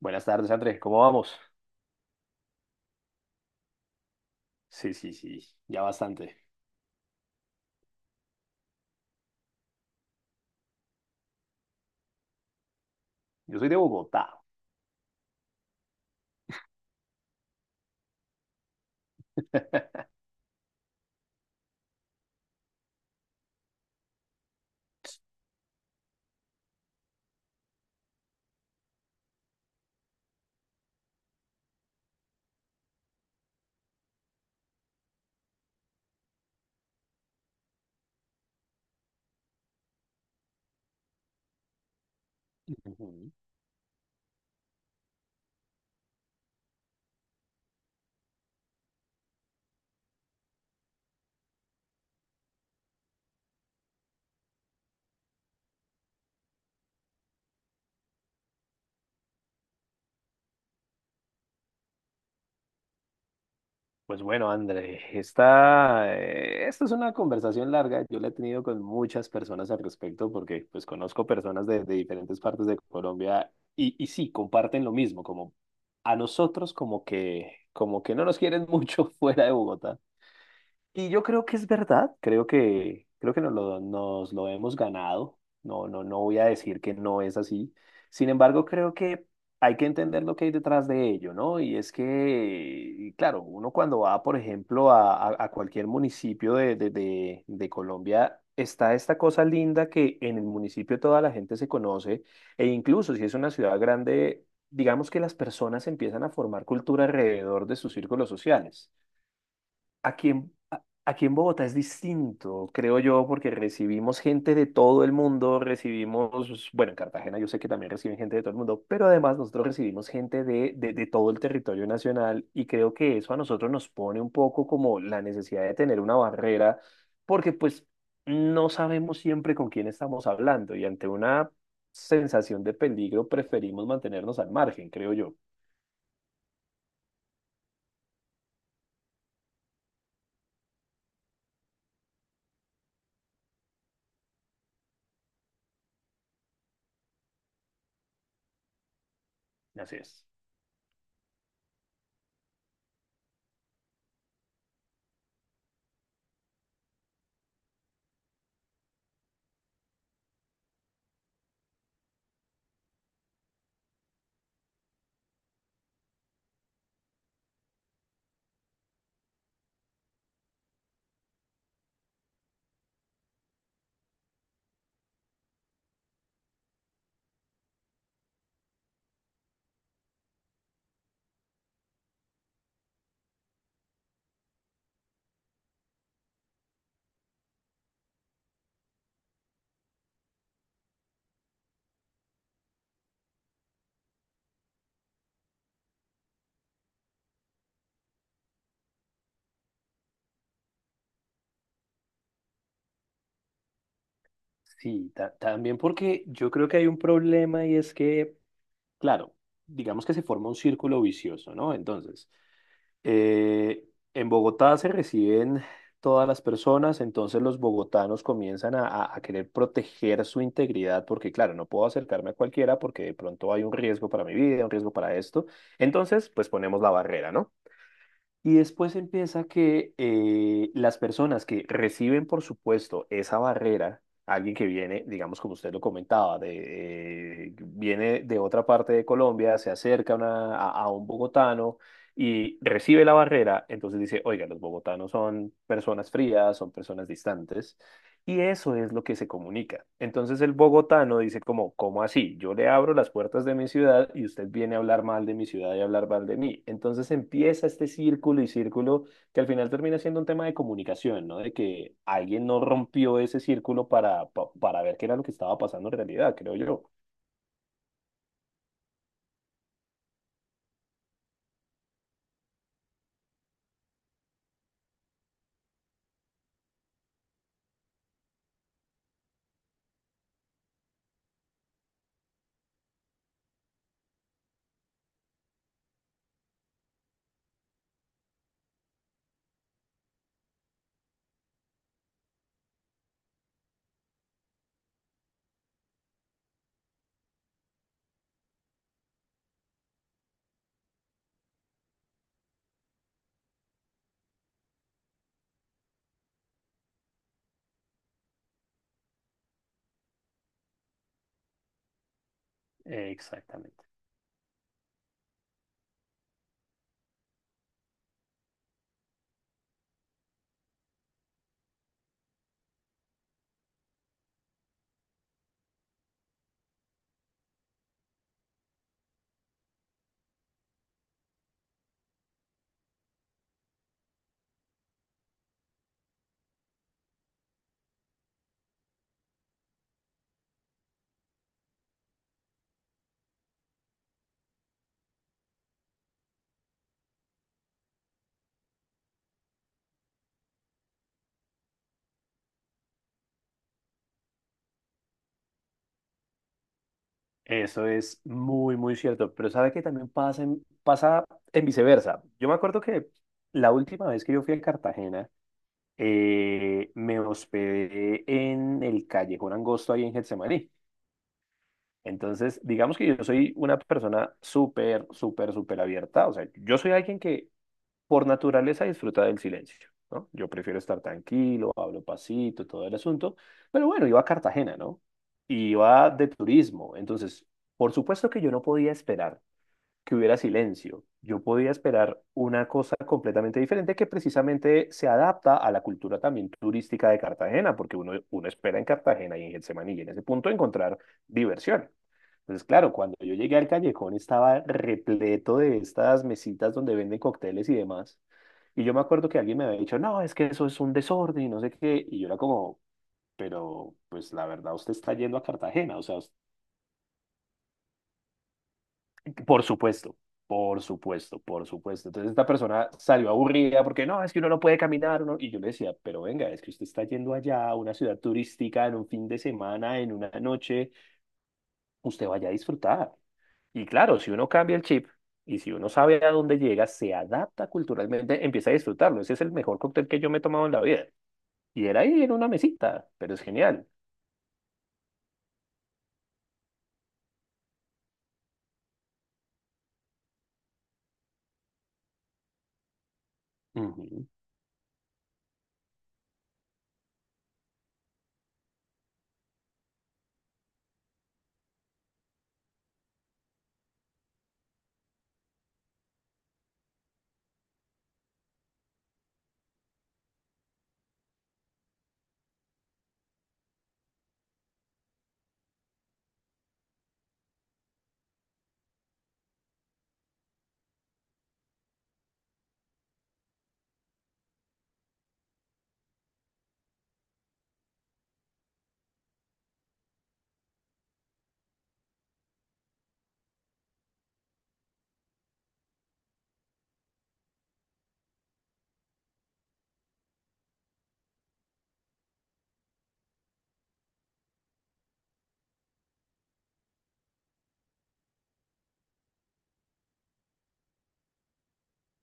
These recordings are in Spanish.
Buenas tardes, André. ¿Cómo vamos? Sí, sí, sí, ya bastante. Yo soy de Bogotá. Ujú. Pues bueno, André, esta es una conversación larga. Yo la he tenido con muchas personas al respecto porque pues conozco personas de diferentes partes de Colombia y sí, comparten lo mismo, como a nosotros como que no nos quieren mucho fuera de Bogotá. Y yo creo que es verdad, creo que nos lo hemos ganado. No, no, no voy a decir que no es así. Sin embargo, creo que hay que entender lo que hay detrás de ello, ¿no? Y es que, y claro, uno cuando va, por ejemplo, a cualquier municipio de Colombia, está esta cosa linda que en el municipio toda la gente se conoce, e incluso si es una ciudad grande, digamos que las personas empiezan a formar cultura alrededor de sus círculos sociales. Aquí en Bogotá es distinto, creo yo, porque recibimos gente de todo el mundo, recibimos, bueno, en Cartagena yo sé que también reciben gente de todo el mundo, pero además nosotros recibimos gente de todo el territorio nacional y creo que eso a nosotros nos pone un poco como la necesidad de tener una barrera, porque pues no sabemos siempre con quién estamos hablando y ante una sensación de peligro preferimos mantenernos al margen, creo yo. Así es. Sí, también porque yo creo que hay un problema y es que, claro, digamos que se forma un círculo vicioso, ¿no? Entonces, eh, en Bogotá se reciben todas las personas, entonces los bogotanos comienzan a querer proteger su integridad porque, claro, no puedo acercarme a cualquiera porque de pronto hay un riesgo para mi vida, un riesgo para esto. Entonces, pues ponemos la barrera, ¿no? Y después empieza que las personas que reciben, por supuesto, esa barrera, alguien que viene, digamos, como usted lo comentaba, viene de otra parte de Colombia, se acerca a a un bogotano y recibe la barrera, entonces dice, oiga, los bogotanos son personas frías, son personas distantes. Y eso es lo que se comunica. Entonces el bogotano dice como, ¿cómo así? Yo le abro las puertas de mi ciudad y usted viene a hablar mal de mi ciudad y a hablar mal de mí. Entonces empieza este círculo y círculo que al final termina siendo un tema de comunicación, ¿no? De que alguien no rompió ese círculo para, para ver qué era lo que estaba pasando en realidad, creo yo. Exactamente. Eso es muy, muy cierto, pero sabe que también pasa en viceversa. Yo me acuerdo que la última vez que yo fui a Cartagena, me hospedé en el Callejón Angosto ahí en Getsemaní. Entonces, digamos que yo soy una persona súper, súper, súper abierta. O sea, yo soy alguien que por naturaleza disfruta del silencio, ¿no? Yo prefiero estar tranquilo, hablo pasito, todo el asunto. Pero bueno, iba a Cartagena, ¿no? Y iba de turismo. Entonces, por supuesto que yo no podía esperar que hubiera silencio. Yo podía esperar una cosa completamente diferente que precisamente se adapta a la cultura también turística de Cartagena, porque uno, uno espera en Cartagena y en Getsemaní y en ese punto encontrar diversión. Entonces, claro, cuando yo llegué al callejón estaba repleto de estas mesitas donde venden cócteles y demás. Y yo me acuerdo que alguien me había dicho, no, es que eso es un desorden y no sé qué. Y yo era como, pero pues la verdad usted está yendo a Cartagena, Por supuesto, por supuesto, por supuesto. Entonces esta persona salió aburrida porque no, es que uno no puede caminar. Y yo le decía, pero venga, es que usted está yendo allá a una ciudad turística en un fin de semana, en una noche, usted vaya a disfrutar. Y claro, si uno cambia el chip y si uno sabe a dónde llega, se adapta culturalmente, empieza a disfrutarlo. Ese es el mejor cóctel que yo me he tomado en la vida. Y era ahí en una mesita, pero es genial. Ujú.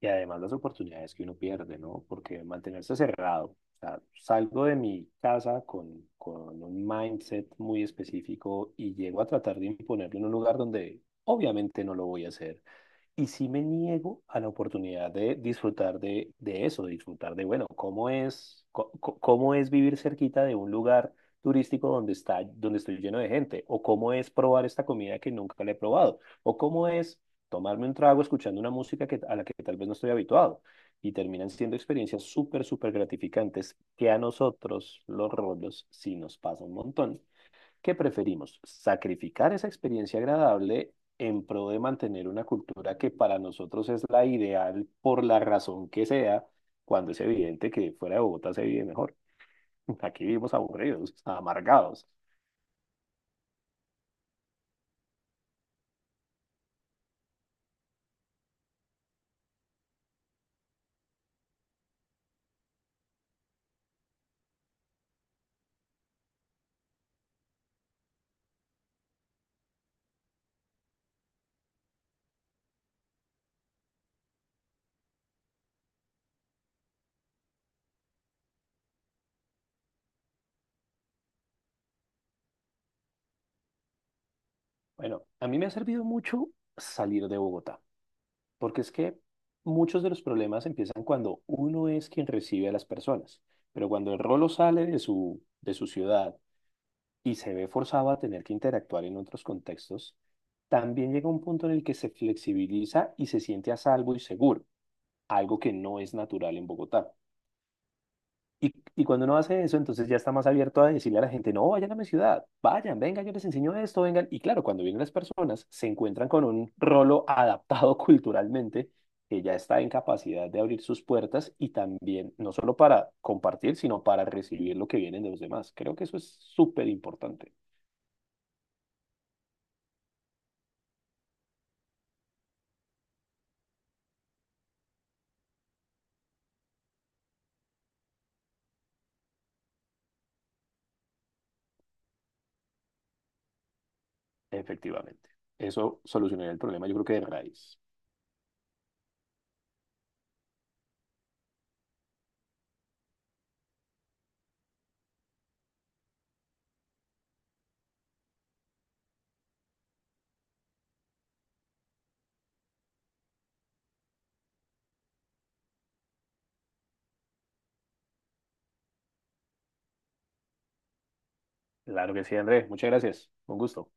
Y además las oportunidades que uno pierde, ¿no? Porque mantenerse cerrado, o sea, salgo de mi casa con un mindset muy específico y llego a tratar de imponerlo en un lugar donde obviamente no lo voy a hacer. Y sí me niego a la oportunidad de disfrutar de eso, de disfrutar de, bueno, cómo es, cómo es vivir cerquita de un lugar turístico donde está, donde estoy lleno de gente, o cómo es probar esta comida que nunca la he probado, o cómo es tomarme un trago escuchando una música que, a la que tal vez no estoy habituado. Y terminan siendo experiencias súper, súper gratificantes que a nosotros, los rolos, sí nos pasa un montón. ¿Qué preferimos? ¿Sacrificar esa experiencia agradable en pro de mantener una cultura que para nosotros es la ideal por la razón que sea, cuando es evidente que fuera de Bogotá se vive mejor? Aquí vivimos aburridos, amargados. Bueno, a mí me ha servido mucho salir de Bogotá, porque es que muchos de los problemas empiezan cuando uno es quien recibe a las personas, pero cuando el rolo sale de su ciudad y se ve forzado a tener que interactuar en otros contextos, también llega un punto en el que se flexibiliza y se siente a salvo y seguro, algo que no es natural en Bogotá. Y cuando uno hace eso, entonces ya está más abierto a decirle a la gente, no, vayan a mi ciudad, vayan, vengan, yo les enseño esto, vengan. Y claro, cuando vienen las personas, se encuentran con un rolo adaptado culturalmente que ya está en capacidad de abrir sus puertas y también, no solo para compartir, sino para recibir lo que vienen de los demás. Creo que eso es súper importante. Efectivamente. Eso solucionaría el problema, yo creo que de raíz. Claro que sí, Andrés. Muchas gracias. Un gusto.